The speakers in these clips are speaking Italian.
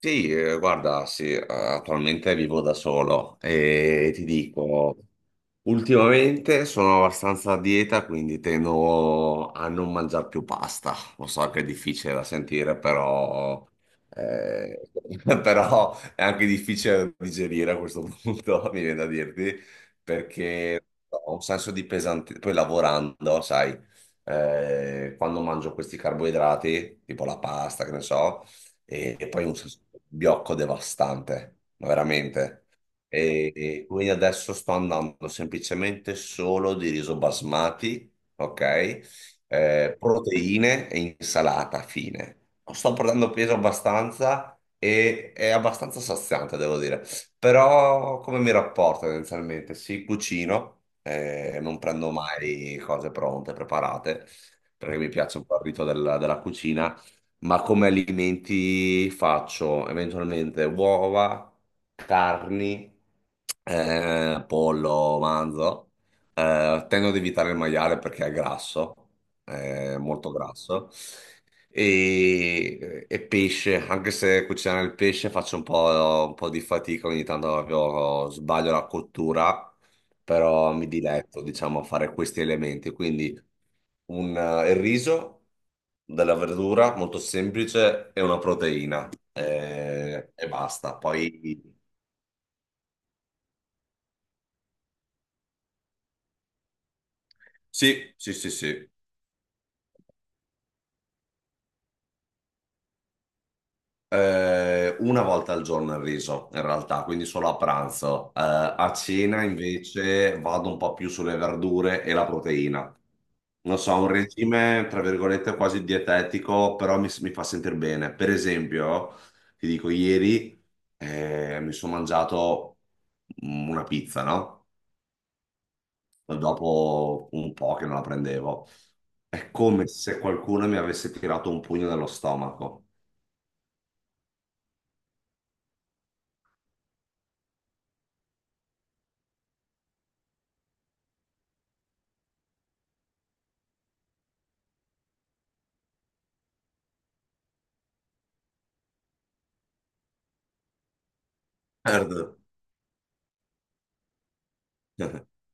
Sì, guarda, sì, attualmente vivo da solo e ti dico. Ultimamente sono abbastanza a dieta, quindi tendo a non mangiare più pasta. Lo so che è difficile da sentire, eh, però è anche difficile da digerire a questo punto, mi viene da dirti, perché ho un senso di pesantezza. Poi lavorando, sai, quando mangio questi carboidrati, tipo la pasta, che ne so, e poi un senso di blocco devastante, ma veramente. E quindi adesso sto andando semplicemente solo di riso basmati, ok? Proteine e insalata, fine. Sto portando peso abbastanza e è abbastanza saziante, devo dire. Però come mi rapporto tendenzialmente? Sì, cucino, non prendo mai cose pronte, preparate, perché mi piace un po' il rito della cucina ma come alimenti faccio? Eventualmente uova, carni, pollo, manzo. Tendo ad evitare il maiale perché è grasso, è molto grasso. E pesce, anche se cucinare il pesce faccio un po' di fatica, ogni tanto proprio sbaglio la cottura, però mi diletto, diciamo, a fare questi elementi. Quindi il riso, della verdura molto semplice e una proteina e basta. Poi sì, sì, sì, sì. Una volta al giorno il riso, in realtà, quindi solo a pranzo. A cena invece vado un po' più sulle verdure e la proteina. Non so, un regime, tra virgolette, quasi dietetico, però mi fa sentire bene. Per esempio, ti dico, ieri mi sono mangiato una pizza, no? Dopo un po' che non la prendevo. È come se qualcuno mi avesse tirato un pugno nello stomaco. Certo.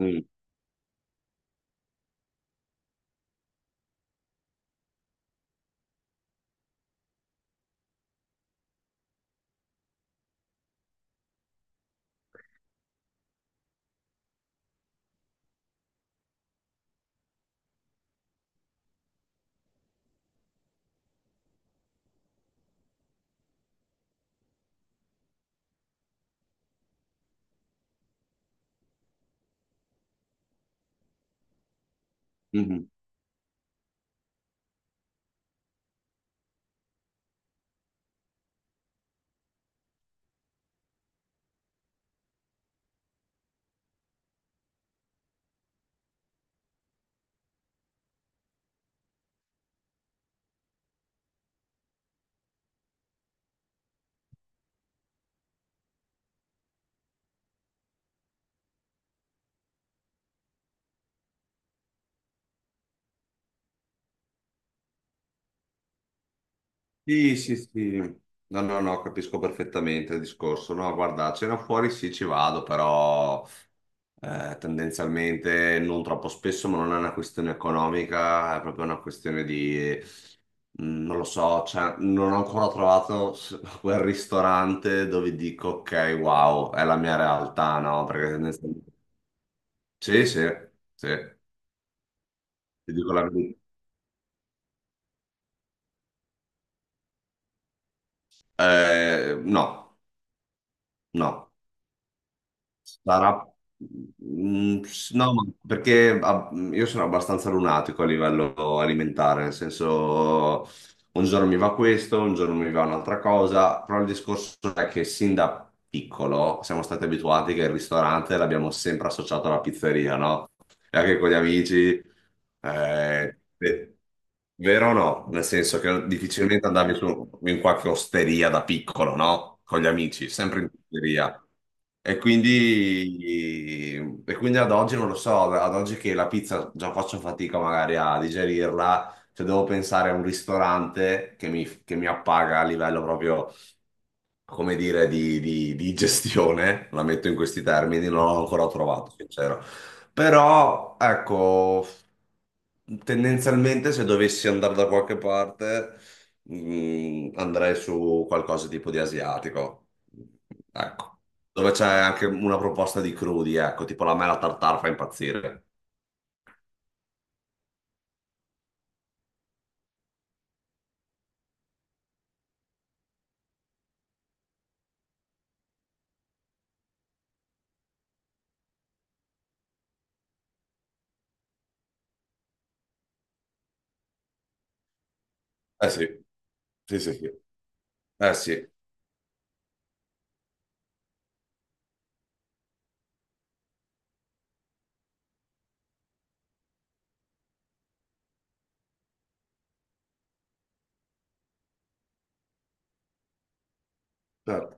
Mm, mhm. Sì, sì, sì. No, no, no, capisco perfettamente il discorso. No, guarda, a cena fuori sì, ci vado, però tendenzialmente non troppo spesso, ma non è una questione economica, è proprio una questione di, non lo so, cioè, non ho ancora trovato quel ristorante dove dico, ok, wow, è la mia realtà, no? Perché tendenzialmente. Sì, sì, sì, ti dico la verità. No, no. Sarà. No, ma perché io sono abbastanza lunatico a livello alimentare, nel senso un giorno mi va questo, un giorno mi va un'altra cosa, però il discorso è che sin da piccolo siamo stati abituati che il ristorante l'abbiamo sempre associato alla pizzeria, no? E anche con gli amici. eh, eh, vero o no? Nel senso che difficilmente andavi su in qualche osteria da piccolo, no? Con gli amici, sempre in osteria. E quindi ad oggi non lo so, ad oggi che la pizza già faccio fatica magari a digerirla, cioè devo pensare a un ristorante che mi appaga a livello proprio come dire, di gestione, la metto in questi termini, non l'ho ancora trovato, sincero. Però, ecco, tendenzialmente se dovessi andare da qualche parte, andrei su qualcosa tipo di asiatico. Ecco, dove c'è anche una proposta di crudi, ecco, tipo la mela tartare fa impazzire. Eh sì, sì, sì, sì. Eh sì. Eh.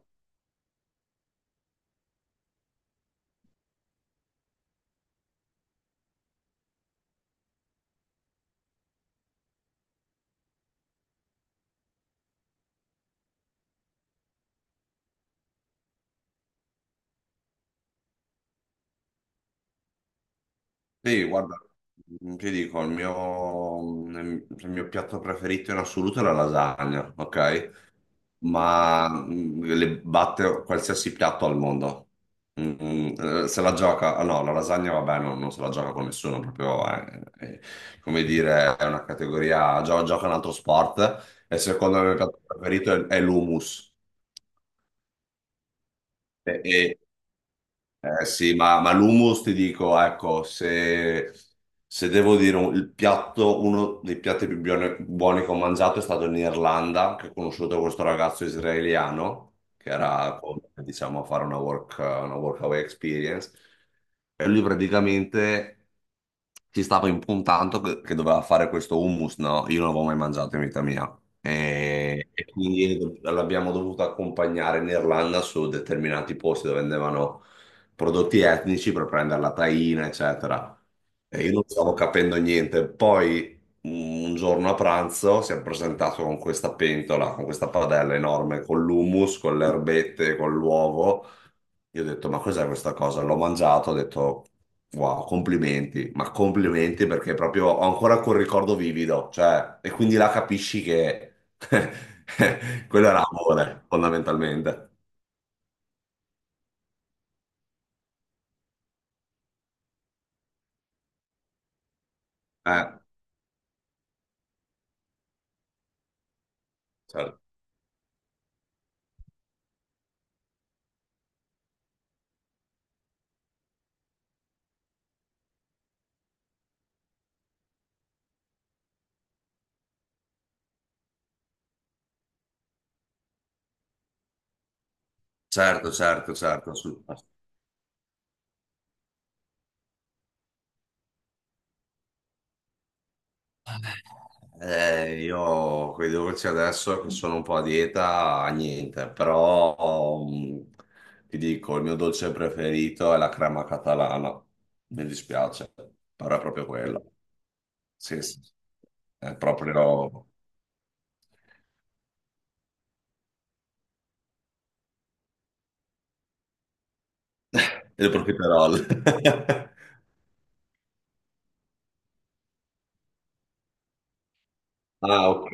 Sì, guarda, ti dico, il mio piatto preferito in assoluto è la lasagna, ok? Ma le batte qualsiasi piatto al mondo. Se la gioca, no, la lasagna vabbè, non se la gioca con nessuno, proprio come dire, è una categoria, gioca un altro sport e secondo me il mio piatto preferito è l'hummus. E, eh sì, ma l'hummus ti dico, ecco, se devo dire il piatto, uno dei piatti più buoni che ho mangiato è stato in Irlanda, che ho conosciuto questo ragazzo israeliano, che era, diciamo, a fare una workaway experience, e lui praticamente ci stava impuntando che doveva fare questo hummus, no? Io non l'avevo mai mangiato in vita mia. E quindi l'abbiamo dovuto accompagnare in Irlanda su determinati posti dove andavano prodotti etnici per prendere la taina, eccetera. E io non stavo capendo niente. Poi un giorno a pranzo si è presentato con questa pentola, con questa padella enorme, con l'hummus, con le erbette, con l'uovo. Io ho detto, ma cos'è questa cosa? L'ho mangiato, ho detto, wow, complimenti, ma complimenti perché proprio ho ancora quel ricordo vivido, cioè, e quindi là capisci che quello era amore, fondamentalmente. Eh, certo. Certo, certo, certo. Io quei devo dirti adesso che sono un po' a dieta, niente, però ti dico, il mio dolce preferito è la crema catalana. Mi dispiace, però è proprio quello. Sì, sì, sì. È proprio il profiterol. Ah, ok.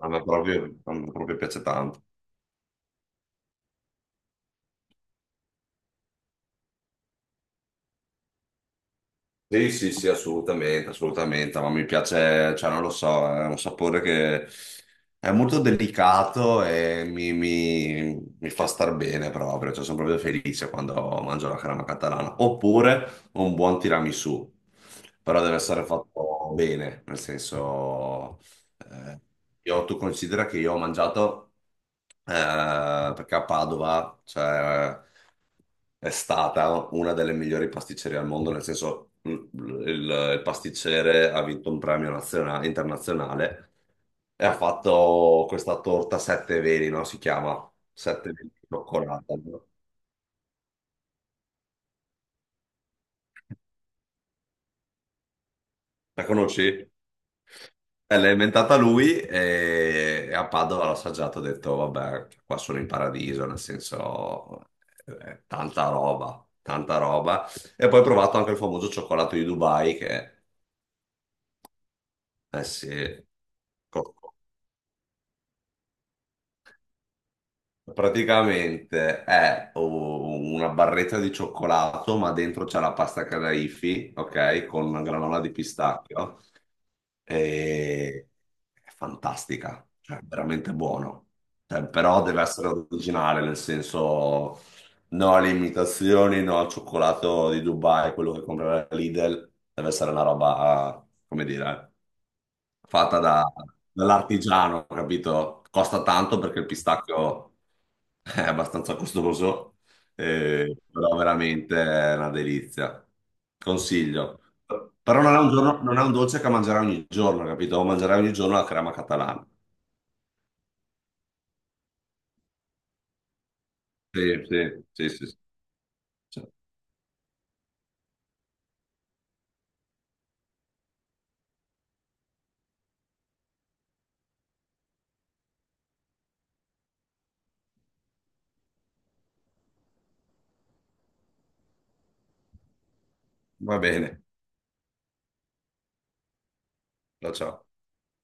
A me proprio piace tanto. Sì, sì, sì, assolutamente, assolutamente, ma mi piace, cioè non lo so, è un sapore che è molto delicato e mi fa star bene proprio, cioè sono proprio felice quando mangio la crema catalana, oppure un buon tiramisù, però deve essere fatto bene, nel senso eh, tu considera che io ho mangiato, perché a Padova, cioè, è stata una delle migliori pasticcerie al mondo, nel senso, il pasticcere ha vinto un premio nazionale, internazionale e ha fatto questa torta sette veli, no? Si chiama sette veli di cioccolata. No? La conosci? L'ha inventata lui e a Padova l'ho assaggiato, ho detto, vabbè, qua sono in paradiso, nel senso, tanta roba, tanta roba. E poi ho provato anche il famoso cioccolato di Dubai, eh sì. Praticamente è una barretta di cioccolato, ma dentro c'è la pasta Kadaifi, ok? Con una granola di pistacchio. E... È fantastica, cioè veramente buono. Cioè, però deve essere originale, nel senso no alle imitazioni, no al cioccolato di Dubai, quello che compra la Lidl. Deve essere una roba, come dire fatta dall'artigiano, capito? Costa tanto perché il pistacchio è abbastanza costoso, però veramente è una delizia. Consiglio. Però non è un giorno- non è un dolce che mangerai ogni giorno, capito? Mangerai ogni giorno la crema catalana. Sì, sì, sì, sì. Sì. Cioè, va bene. Ciao, ciao.